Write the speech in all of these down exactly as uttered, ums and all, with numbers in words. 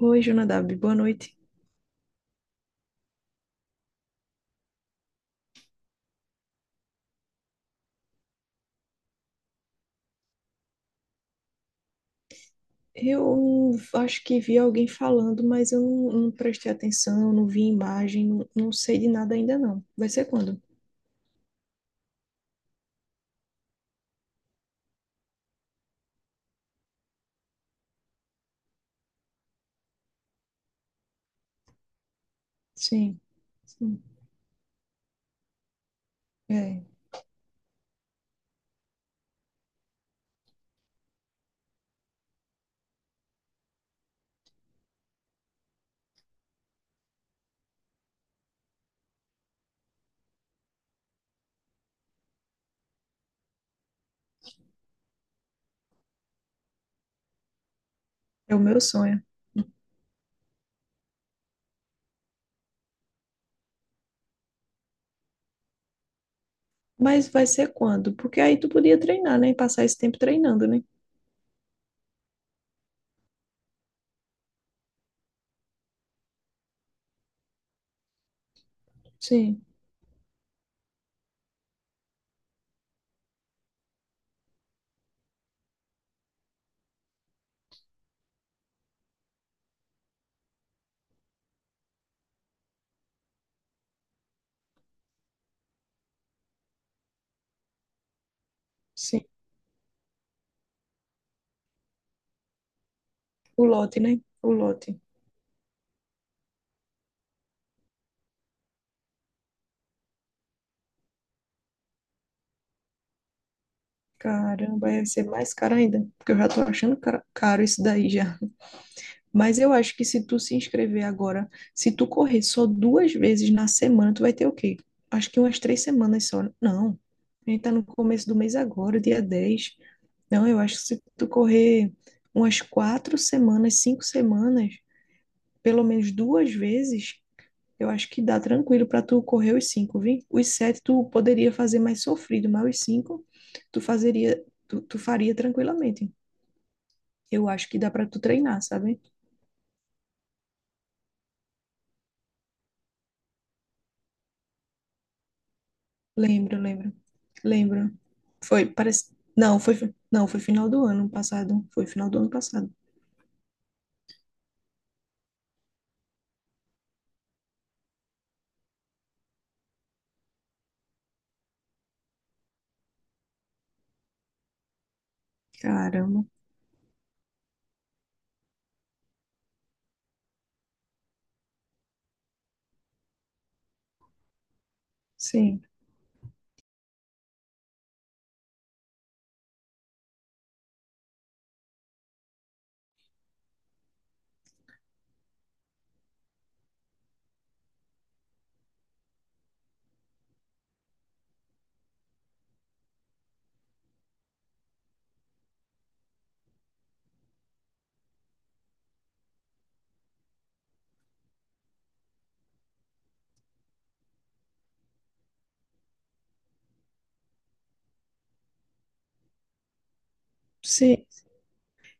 Oi, Jonadab, boa noite. Eu acho que vi alguém falando, mas eu não, não prestei atenção, não vi imagem, não, não sei de nada ainda não. Vai ser quando? Sim, sim. É, é o meu sonho. Mas vai ser quando? Porque aí tu podia treinar, né? Passar esse tempo treinando, né? Sim, sim. O lote, né? O lote. Caramba, vai ser mais caro ainda, porque eu já tô achando cara- caro isso daí já. Mas eu acho que se tu se inscrever agora, se tu correr só duas vezes na semana, tu vai ter o quê? Acho que umas três semanas só. Não. A gente tá no começo do mês agora, dia dez. Não, eu acho que se tu correr umas quatro semanas, cinco semanas, pelo menos duas vezes, eu acho que dá tranquilo pra tu correr os cinco, viu? Os sete tu poderia fazer mais sofrido, mas os cinco tu fazeria, tu, tu faria tranquilamente. Eu acho que dá pra tu treinar, sabe? Lembro, lembro. Lembro. Foi, parece. Não, foi, fi- não, foi final do ano passado. Foi final do ano passado. Caramba. Sim, sim.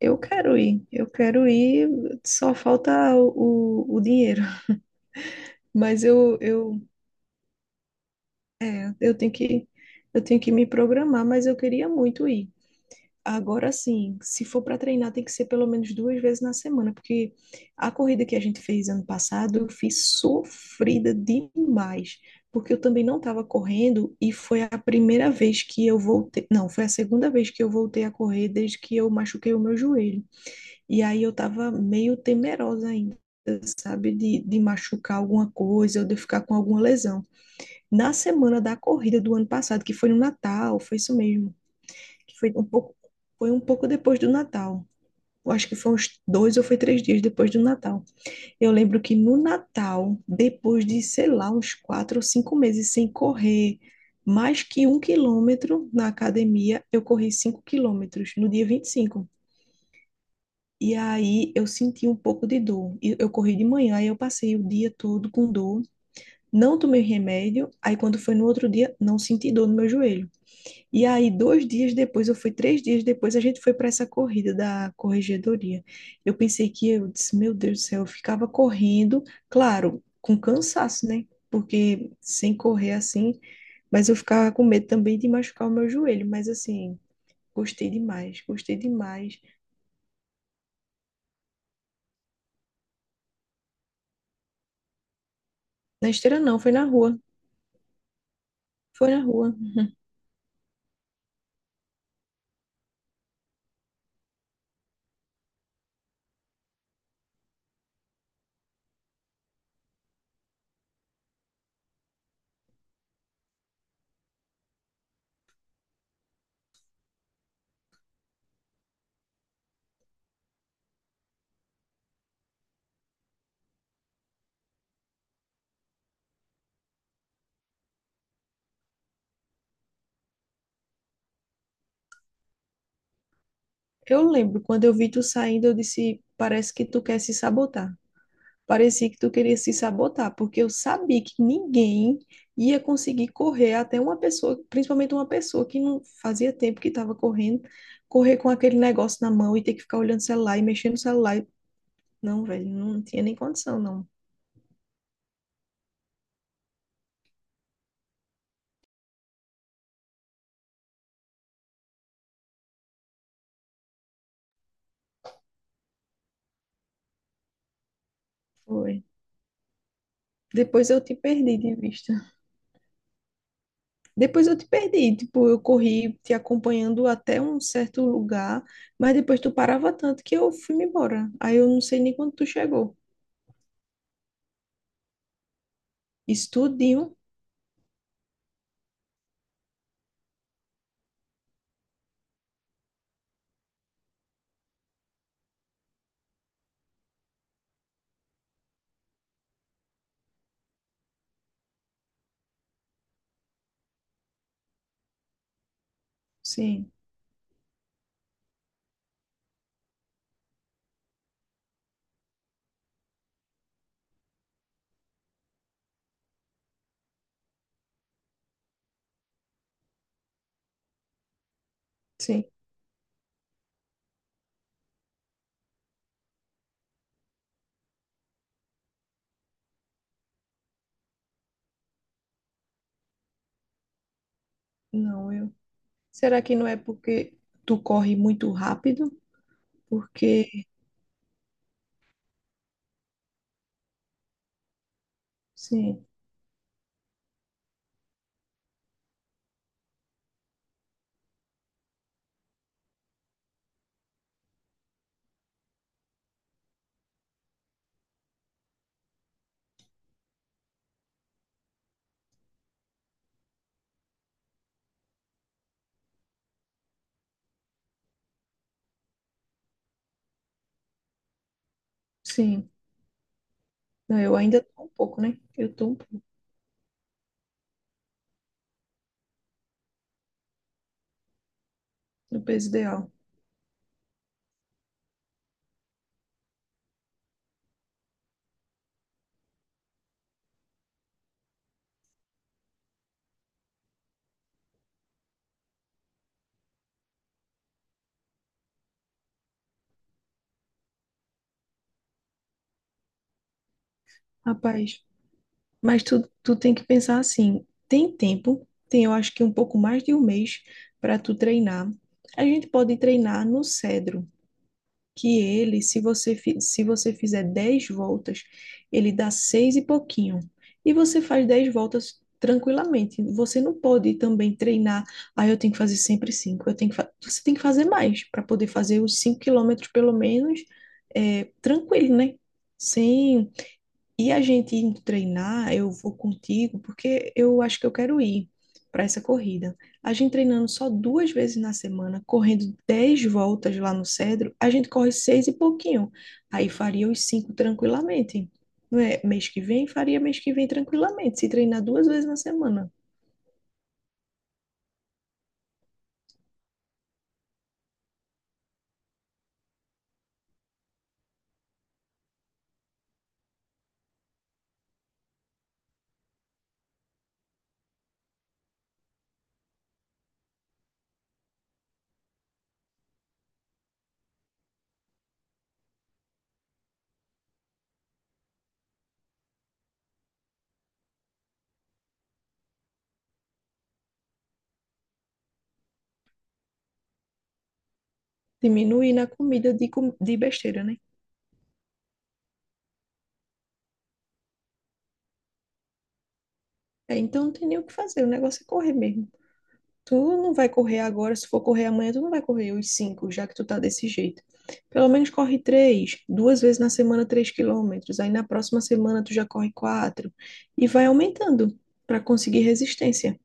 Eu quero ir. Eu quero ir. Só falta o, o, o dinheiro. Mas eu, eu, eu tenho que, eu tenho que me programar, mas eu queria muito ir. Agora sim, se for para treinar, tem que ser pelo menos duas vezes na semana, porque a corrida que a gente fez ano passado, eu fiz sofrida demais, porque eu também não estava correndo e foi a primeira vez que eu voltei, não, foi a segunda vez que eu voltei a correr desde que eu machuquei o meu joelho. E aí eu estava meio temerosa ainda. Sabe, de, de machucar alguma coisa ou de eu ficar com alguma lesão. Na semana da corrida do ano passado, que foi no Natal, foi isso mesmo que foi um pouco, foi um pouco depois do Natal. Eu acho que foi uns dois ou foi três dias depois do Natal. Eu lembro que no Natal, depois de, sei lá, uns quatro ou cinco meses sem correr mais que um quilômetro na academia, eu corri cinco quilômetros no dia vinte e cinco. E aí eu senti um pouco de dor. E eu corri de manhã e eu passei o dia todo com dor. Não tomei remédio. Aí quando foi no outro dia, não senti dor no meu joelho. E aí, dois dias depois, ou foi três dias depois, a gente foi para essa corrida da corregedoria. Eu pensei que eu disse, meu Deus do céu, eu ficava correndo, claro, com cansaço, né? Porque sem correr assim, mas eu ficava com medo também de machucar o meu joelho. Mas assim, gostei demais, gostei demais. Na esteira não, foi na rua, foi na rua. Eu lembro, quando eu vi tu saindo, eu disse, parece que tu quer se sabotar. Parecia que tu queria se sabotar, porque eu sabia que ninguém ia conseguir correr até uma pessoa, principalmente uma pessoa que não fazia tempo que estava correndo, correr com aquele negócio na mão e ter que ficar olhando o celular e mexendo no celular. e- Não, velho, não tinha nem condição, não. Foi. Depois eu te perdi de vista. Depois eu te perdi, tipo, eu corri te acompanhando até um certo lugar, mas depois tu parava tanto que eu fui me embora. Aí eu não sei nem quando tu chegou. Isso tudinho? Sim, sim. Não, eu Será que não é porque tu corre muito rápido? Porque, sim, sim. Não, eu ainda tô um pouco, né? Eu tô um pouco no peso ideal. Rapaz, mas tu, tu tem que pensar assim, tem tempo, tem eu acho que um pouco mais de um mês para tu treinar. A gente pode treinar no Cedro, que ele, se você, fi- se você fizer dez voltas, ele dá seis e pouquinho. E você faz dez voltas tranquilamente. Você não pode também treinar, ah, eu tenho que fazer sempre cinco. Eu tenho que fa-". Você tem que fazer mais para poder fazer os cinco quilômetros, pelo menos, é, tranquilo, né? Sem e a gente indo treinar, eu vou contigo, porque eu acho que eu quero ir para essa corrida. A gente treinando só duas vezes na semana, correndo dez voltas lá no Cedro, a gente corre seis e pouquinho. Aí faria os cinco tranquilamente. Não é? Mês que vem, faria mês que vem tranquilamente, se treinar duas vezes na semana. Diminuir na comida de, com- de besteira, né? É, então não tem nem o que fazer, o negócio é correr mesmo. Tu não vai correr agora, se for correr amanhã, tu não vai correr os cinco, já que tu tá desse jeito. Pelo menos corre três, duas vezes na semana, três quilômetros. Aí na próxima semana tu já corre quatro. E vai aumentando para conseguir resistência.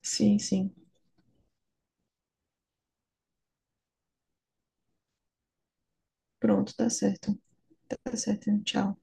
Sim, sim. Pronto, tá certo. Tá certo. Tchau.